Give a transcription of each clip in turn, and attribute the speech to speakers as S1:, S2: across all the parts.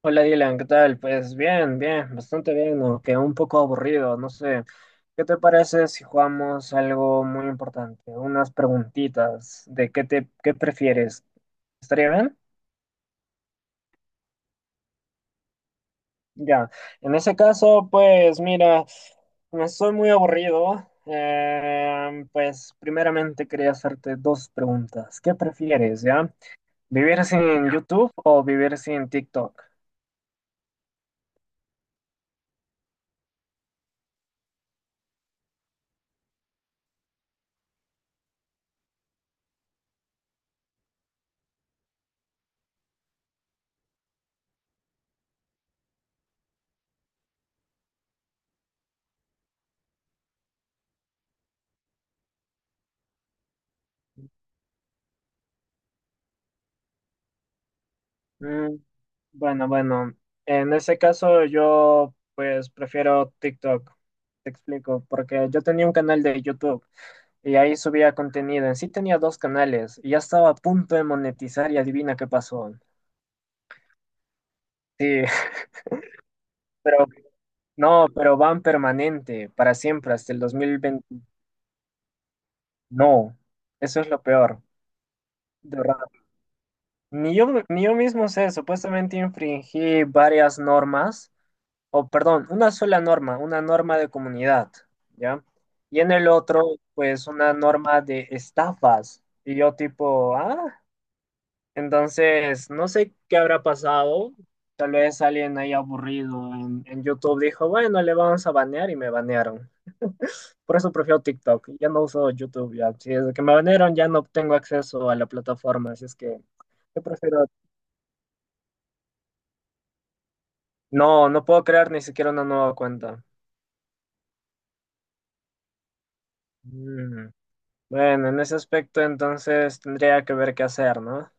S1: Hola Dylan, ¿qué tal? Pues bien, bastante bien, aunque un poco aburrido, no sé. ¿Qué te parece si jugamos algo muy importante? Unas preguntitas de qué prefieres. ¿Estaría bien? Ya. En ese caso, pues mira, me estoy muy aburrido. Pues primeramente quería hacerte dos preguntas. ¿Qué prefieres, ya? ¿Vivir sin YouTube o vivir sin TikTok? Mm, bueno, en ese caso yo pues prefiero TikTok, te explico, porque yo tenía un canal de YouTube y ahí subía contenido, en sí tenía dos canales y ya estaba a punto de monetizar y adivina qué pasó. Sí, pero no, pero van permanente, para siempre, hasta el 2020. No, eso es lo peor, de verdad. Ni yo mismo sé, supuestamente infringí varias normas o perdón, una sola norma, una norma de comunidad, ¿ya? Y en el otro, pues una norma de estafas. Y yo tipo, ah, entonces, no sé qué habrá pasado. Tal vez alguien ahí aburrido en YouTube dijo, bueno, le vamos a banear y me banearon. Por eso prefiero TikTok. Ya no uso YouTube. Ya. Si desde que me banearon ya no tengo acceso a la plataforma. Así es que yo prefiero... No, no puedo crear ni siquiera una nueva cuenta. Mm. Bueno, en ese aspecto entonces tendría que ver qué hacer, ¿no?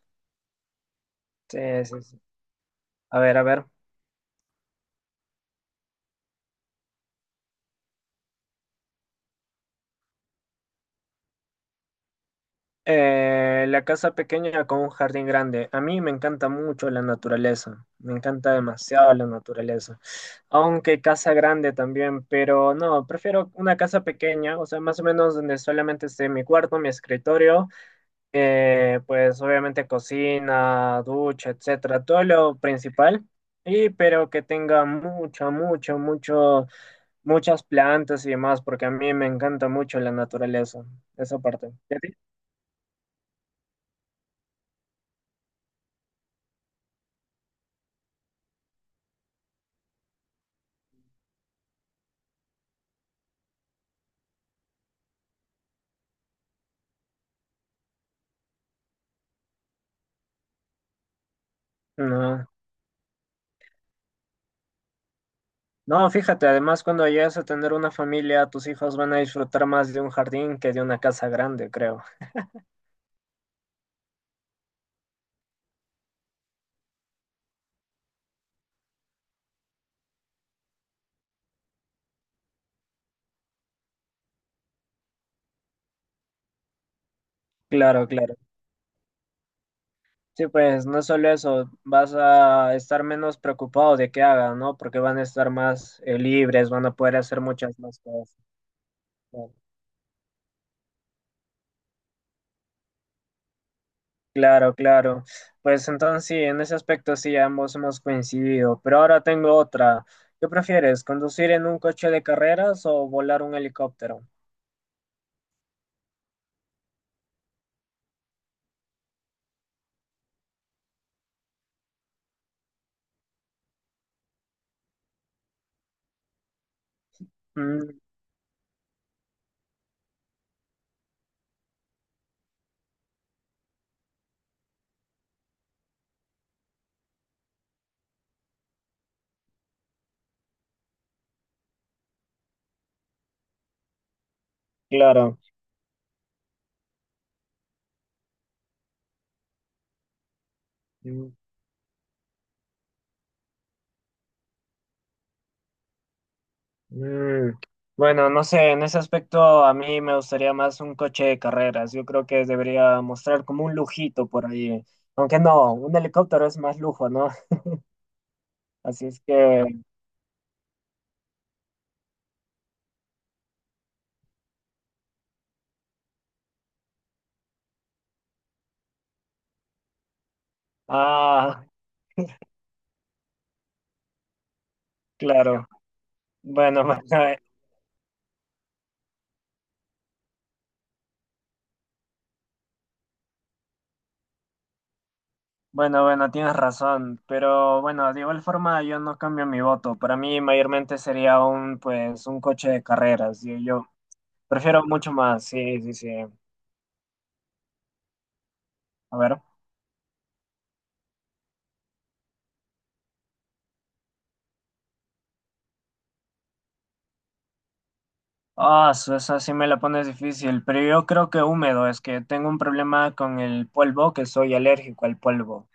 S1: Sí, sí, sí. A ver, a ver. La casa pequeña con un jardín grande. A mí me encanta mucho la naturaleza. Me encanta demasiado la naturaleza. Aunque casa grande también, pero no, prefiero una casa pequeña, o sea, más o menos donde solamente esté mi cuarto, mi escritorio. Pues obviamente cocina, ducha, etcétera, todo lo principal, y pero que tenga mucho, muchas plantas y demás, porque a mí me encanta mucho la naturaleza, esa parte. ¿Y a ti? No. No, fíjate, además cuando llegues a tener una familia, tus hijos van a disfrutar más de un jardín que de una casa grande, creo. Claro, claro. Sí, pues no solo eso, vas a estar menos preocupado de qué hagan, ¿no? Porque van a estar más libres, van a poder hacer muchas más cosas. ¿No? Claro, claro. Pues entonces sí, en ese aspecto sí, ambos hemos coincidido. Pero ahora tengo otra. ¿Qué prefieres, conducir en un coche de carreras o volar un helicóptero? Mm, claro. Mm, bueno, no sé, en ese aspecto a mí me gustaría más un coche de carreras. Yo creo que debería mostrar como un lujito por ahí. Aunque no, un helicóptero es más lujo, ¿no? Así es que, ah, claro. Bueno, eh, bueno, tienes razón. Pero bueno, de igual forma yo no cambio mi voto. Para mí mayormente sería un, pues, un coche de carreras. Yo prefiero mucho más, sí, sí, sí. A ver. Ah, su- esa sí me la pones difícil, pero yo creo que húmedo, es que tengo un problema con el polvo, que soy alérgico al polvo.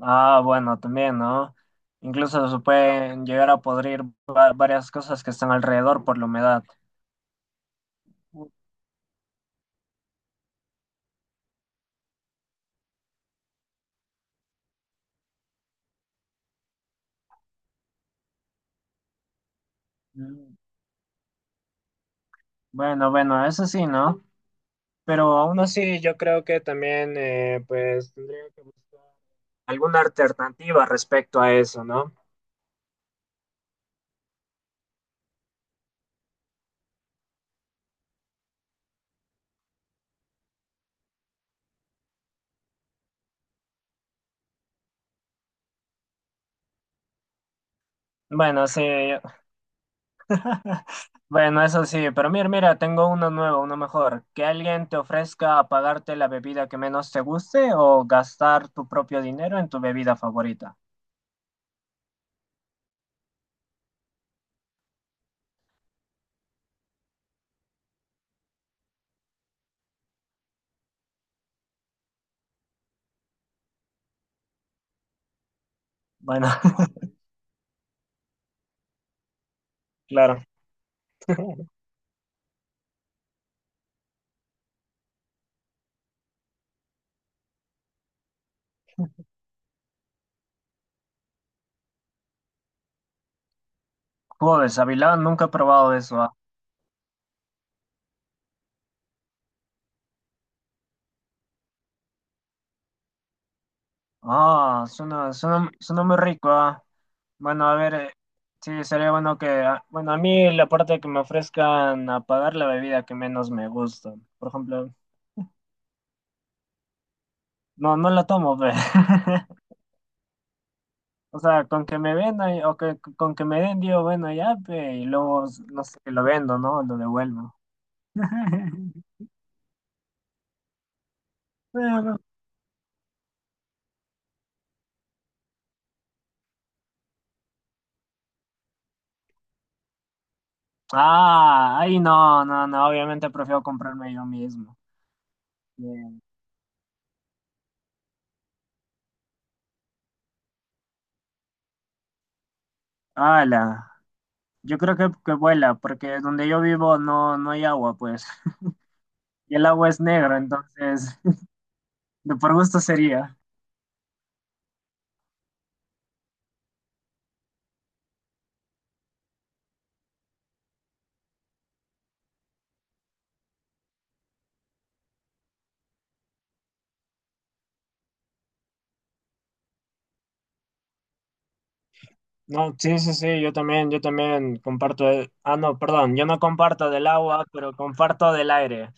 S1: Ah, bueno, también, ¿no? Incluso se pueden llegar a podrir va- varias cosas que están alrededor por la humedad. Mm, bueno, eso sí, ¿no? Pero aún así, yo creo que también, pues, tendría que buscar alguna alternativa respecto a eso, ¿no? Bueno, sí, bueno, eso sí, pero mira, mira, tengo uno nuevo, uno mejor. Que alguien te ofrezca pagarte la bebida que menos te guste o gastar tu propio dinero en tu bebida favorita. Bueno, claro. Joder, Avilán, nunca he probado eso. Ah, ah, suena, suena muy rico. Ah. Bueno, a ver, sí, sería bueno que, ah, bueno, a mí la parte que me ofrezcan a pagar la bebida que menos me gusta. Por ejemplo, no, no la tomo, ve. O sea, con que me vendan o que con que me den, digo, bueno, ya, pe, y luego, no sé, lo vendo, ¿no? Lo devuelvo. Pero... Ah, ahí no, no, no, obviamente prefiero comprarme yo mismo. Bien. Ala, yo creo que vuela, porque donde yo vivo no, no hay agua, pues. Y el agua es negra, entonces, de por gusto sería. No, sí, sí, sí, yo también comparto, el- ah, no, perdón, yo no comparto del agua, pero comparto del aire.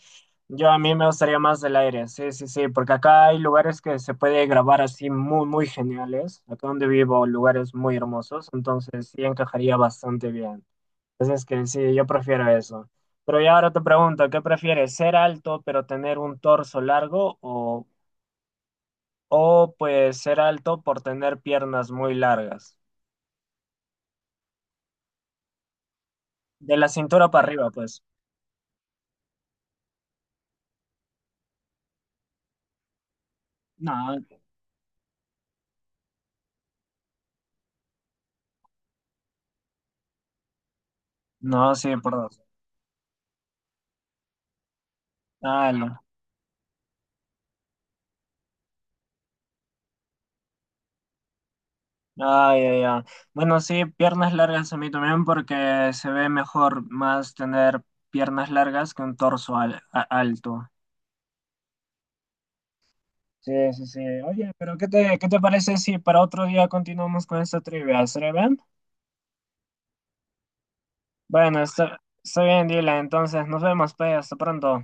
S1: Yo a mí me gustaría más del aire, sí, sí, sí, porque acá hay lugares que se puede grabar así muy geniales, acá donde vivo, lugares muy hermosos, entonces sí encajaría bastante bien. Entonces que sí, yo prefiero eso. Pero ya ahora te pregunto, ¿qué prefieres? ¿Ser alto pero tener un torso largo o pues ser alto por tener piernas muy largas? De la cintura para arriba, pues. No, no, sí, por dos. Ah, lo- Ay, ay, ay. Bueno, sí, piernas largas a mí también porque se ve mejor más tener piernas largas que un torso al- a- alto. Sí, sí, sí. Oye, pero ¿qué te parece si para otro día continuamos con esta trivia? ¿Será bien? Bueno, está bien, Dylan. Entonces, nos vemos, pues. Hasta pronto.